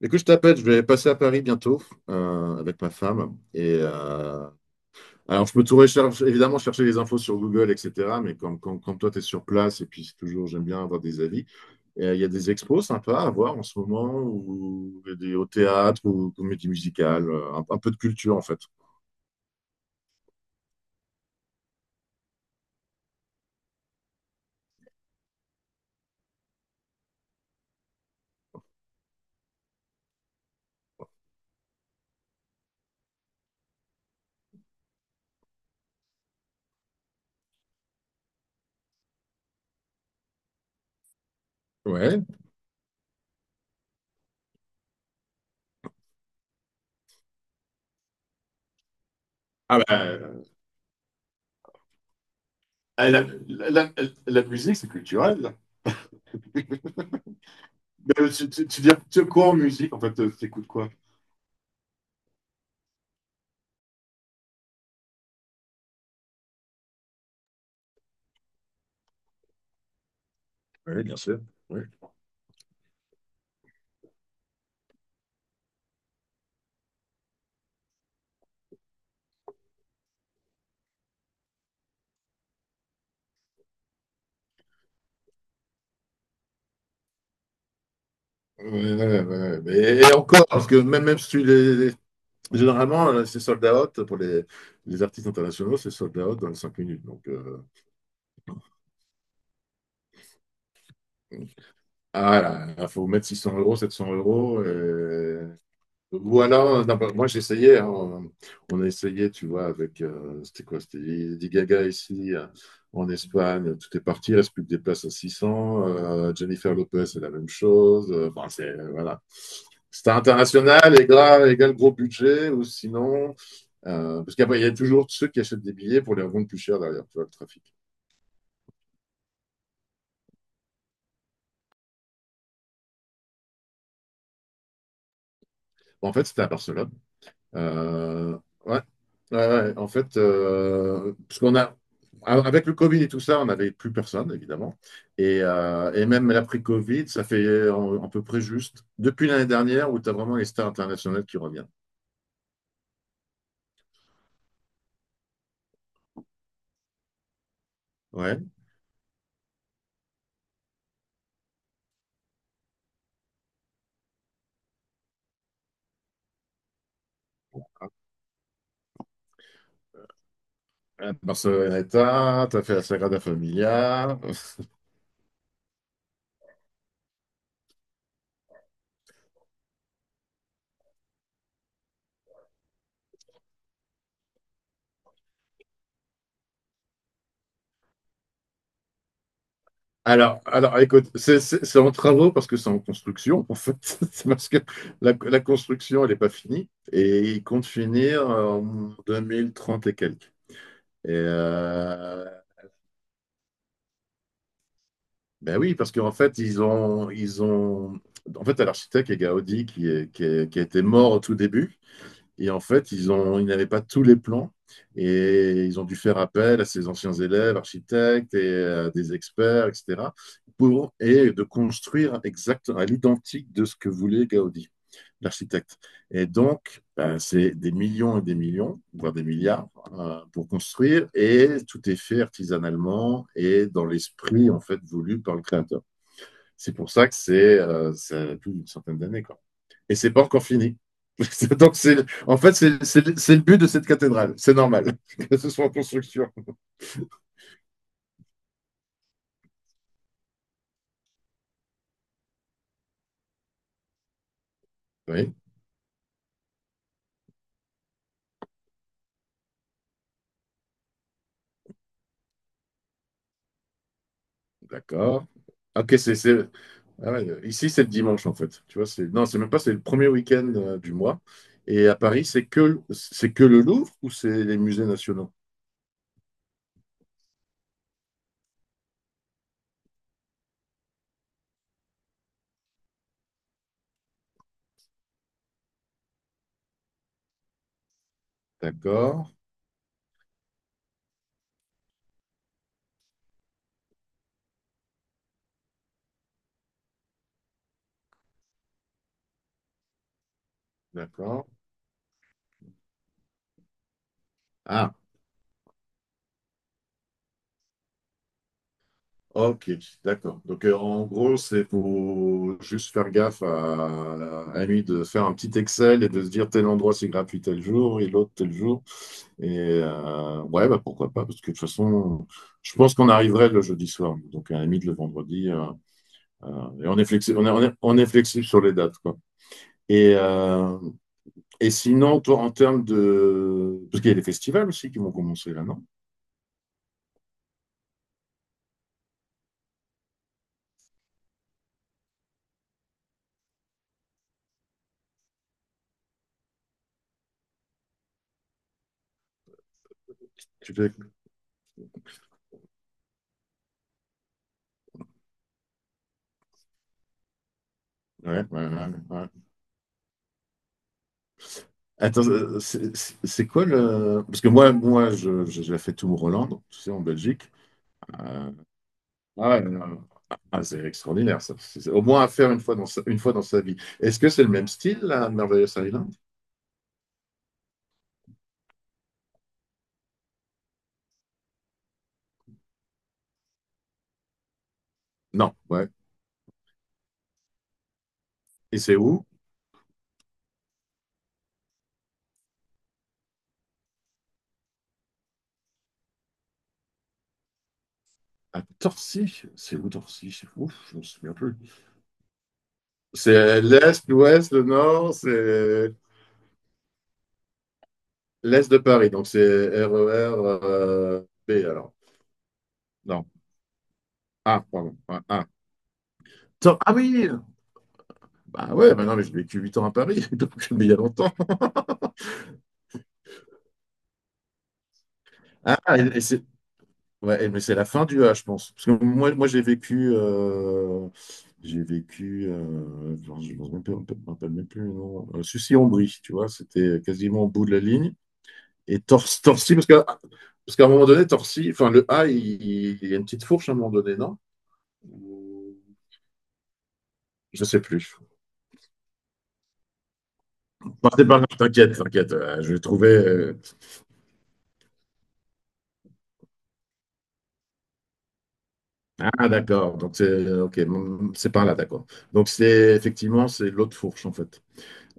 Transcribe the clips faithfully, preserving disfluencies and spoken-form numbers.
Écoute, je t'appelle, je vais passer à Paris bientôt euh, avec ma femme. Et euh, alors, je peux tout rechercher, évidemment, chercher les infos sur Google, et cætera. Mais quand, quand, quand toi, tu es sur place, et puis c'est toujours, j'aime bien avoir des avis. Et, euh, Il y a des expos sympas à voir en ce moment, ou des, au théâtre, ou comédie musicale, euh, un, un peu de culture en fait. Ouais. Ah bah, euh, la, la- la- la musique, c'est culturel. Mais tu, tu, tu dis tu quoi en musique, en fait, euh, t'écoutes quoi? Oui, bien sûr. Oui. Ouais, ouais, ouais. Mais- Et encore, parce que même, même si tu les... Généralement, là, c'est sold out pour les, les artistes internationaux, c'est sold out dans les cinq minutes. Donc, euh, ah là, il faut mettre six cents euros, sept cents euros. Voilà, non, bah, moi j'essayais, hein, on on a essayé, tu vois, avec, euh, c'était quoi, c'était Lady Gaga ici, euh, en Espagne, tout est parti, il reste plus que des places à six cents, euh, Jennifer Lopez, c'est la même chose, euh, enfin, c'est, euh, voilà. C'était international, égal, égal gros budget, ou sinon, euh, parce qu'après, il y a toujours ceux qui achètent des billets pour les revendre plus cher derrière, tu vois, le trafic. En fait, c'était à Barcelone. Euh, ouais. Ouais, ouais. En fait, euh, parce qu'on a, avec le Covid et tout ça, on n'avait plus personne, évidemment. Et, euh, et même l'après-Covid, ça fait en- à peu près juste depuis l'année dernière où tu as vraiment les stars internationales qui reviennent. Ouais. Euh, Barceloneta, tu as fait la Sagrada Familia. Alors, alors écoute, c'est c'est- c'est en travaux parce que c'est en construction, en fait. C'est parce que la, la construction, elle n'est pas finie et ils comptent finir en deux mille trente et quelques. Et euh, ben oui, parce qu'en fait, ils ont, ils ont. En fait, t'as l'architecte qui est Gaudi, qui, est- qui est- qui a été mort au tout début. Et en fait, ils ont, ils n'avaient pas tous les plans et ils ont dû faire appel à ces anciens élèves, architectes et euh, des experts, et cætera, pour, et de construire exact, à l'identique de ce que voulait Gaudi, l'architecte. Et donc, ben, c'est des millions et des millions, voire des milliards, euh, pour construire et tout est fait artisanalement et dans l'esprit, en fait, voulu par le créateur. C'est pour ça que c'est, euh, ça a plus d'une centaine d'années, quoi, et c'est pas encore fini. Donc, en fait, c'est, c'est le but de cette cathédrale. C'est normal que ce soit en construction. Oui, d'accord. Ok, c'est, c'est- ah ouais, euh, ici, c'est le dimanche, en fait. Tu vois, c'est, non, c'est même pas, c'est le premier week-end euh, du mois. Et à Paris, c'est que, c'est que le Louvre ou c'est les musées nationaux? D'accord, d'accord. Ah, ok, d'accord. Donc, euh, en gros, c'est pour juste faire gaffe à, à lui de faire un petit Excel et de se dire tel endroit, c'est gratuit tel jour et l'autre tel jour. Et euh, ouais, bah pourquoi pas, parce que de toute façon, je pense qu'on arriverait le jeudi soir, donc à la limite le vendredi. Euh, euh, et on est flexible, on est, on est- on est flexible sur les dates, quoi. Et, euh, et sinon, toi, en termes de... Parce qu'il y a des festivals aussi qui vont commencer là, non? Tu fais- Ouais, ouais, ouais, ouais. Attends, euh, c'est c'est- c'est quoi le... Parce que moi, moi je, je- j'ai fait tout Roland, tu sais, en Belgique. Euh, Ah ouais, non, non. Ah, c'est extraordinaire, ça. C'est c'est au moins à faire une fois dans sa, une fois dans sa vie. Est-ce que c'est le même style, la Marvelous Island? Non, ouais. Et c'est où? À Torcy. C'est où Torcy? C'est fou, je ne me souviens plus. C'est l'Est, l'Ouest, le Nord, c'est l'Est de Paris. Donc c'est R E R euh, B alors. Non. Ah, pardon. Ouais, ah, Tor- ah oui! Bah ouais, bah non, mais j'ai vécu huit ans à Paris, donc, mais il y a longtemps. Ah, et, et c'est. Ouais, et- mais c'est la fin du A, je pense. Parce que moi, moi j'ai vécu. Euh, j'ai vécu. euh, genre, je ne me rappelle je me rappelle même plus le nom. Euh, Sucy-en-Brie, tu vois, c'était quasiment au bout de la ligne. Et Torcy, Torcy parce que parce qu'à un moment donné, Torcy, enfin, le A, il, il- il y a une petite fourche à un moment donné, non? Je sais plus. Bah, c'est pas grave, t'inquiète, t'inquiète. euh, je vais trouver. euh, Ah, d'accord. Donc, c'est OK. mm, C'est par là, d'accord. Donc, c'est effectivement, c'est l'autre fourche, en fait.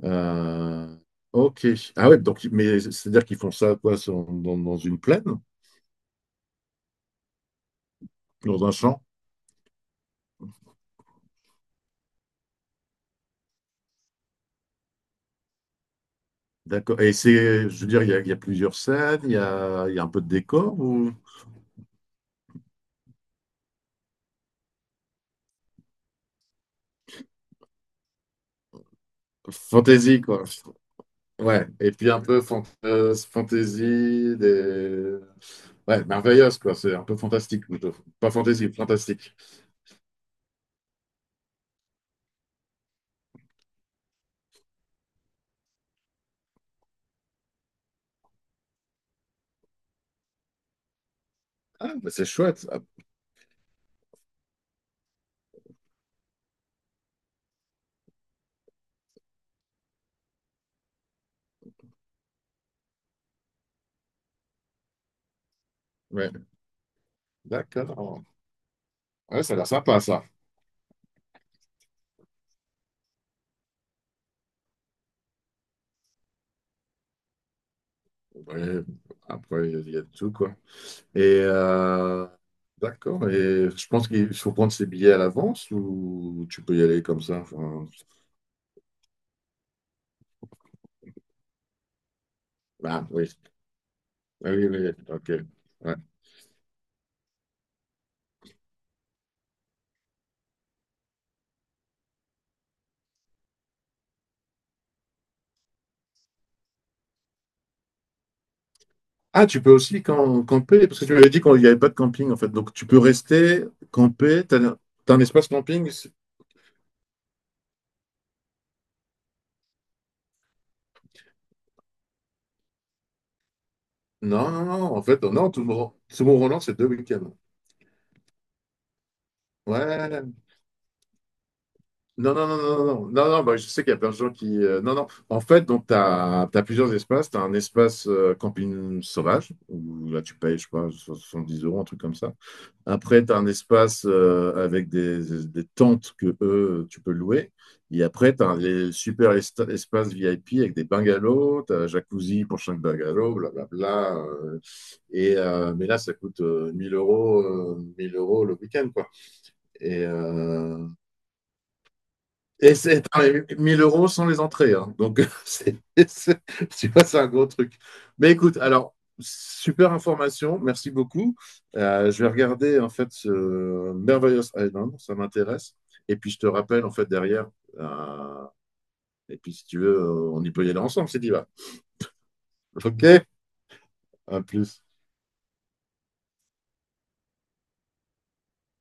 Euh, ok. Ah ouais, donc, mais c'est-à-dire qu'ils font ça quoi, sur- dans, dans une plaine, dans un champ? D'accord. Et c'est, je veux dire, il y a, il y a plusieurs scènes, il y a, il y a un peu de décor ou fantasy, quoi. Ouais. Et puis un peu fant- euh, fantasy, des... Ouais, merveilleuse, quoi. C'est un peu fantastique, plutôt. Pas fantasy, fantastique. Ah, bah c'est chouette. Ah, ouais, d'accord. Ouais, ça a l'air sympa, ça. Ouais, après, il y a il y a de tout, quoi. Et euh, d'accord. Et je pense qu'il faut prendre ses billets à l'avance ou tu peux y aller comme ça. Enfin, ah oui. Ah oui, oui, oui. Ok. Ouais. Ah, tu peux aussi cam- camper, parce que tu m'avais dit qu'il n'y avait pas de camping en fait. Donc tu peux rester, camper. T'as, un t'as un espace camping? c'est- Non, non, non. En fait, non, tout le monde, tout le monde Roland, c'est deux week-ends. Ouais. Non, non, non, non, non, non, non, non, bah, je sais qu'il y a plein de gens qui. euh, non, non. En fait, donc, tu as, plusieurs espaces. Tu as un espace euh, camping sauvage, où là, tu payes, je sais pas, soixante dix euros, un truc comme ça. Après, tu as un espace euh, avec des, des tentes que eux, tu peux louer. Et après, tu as les super est- espaces V I P avec des bungalows, tu as jacuzzi pour chaque bungalow, blablabla. Euh, et, euh, mais là, ça coûte euh, mille euros, euh, mille euros le week-end, quoi. Et, euh, et c'est Attends, les mille euros sont les entrées, hein. Donc, c'est, c'est- tu vois, c'est un gros truc. Mais écoute, alors, super information. Merci beaucoup. Euh, je vais regarder, en fait, ce Merveillous Island. Ça m'intéresse. Et puis, je te rappelle, en fait, derrière. euh, et puis, si tu veux, euh, on y peut y aller ensemble, c'est dit va. OK, à plus.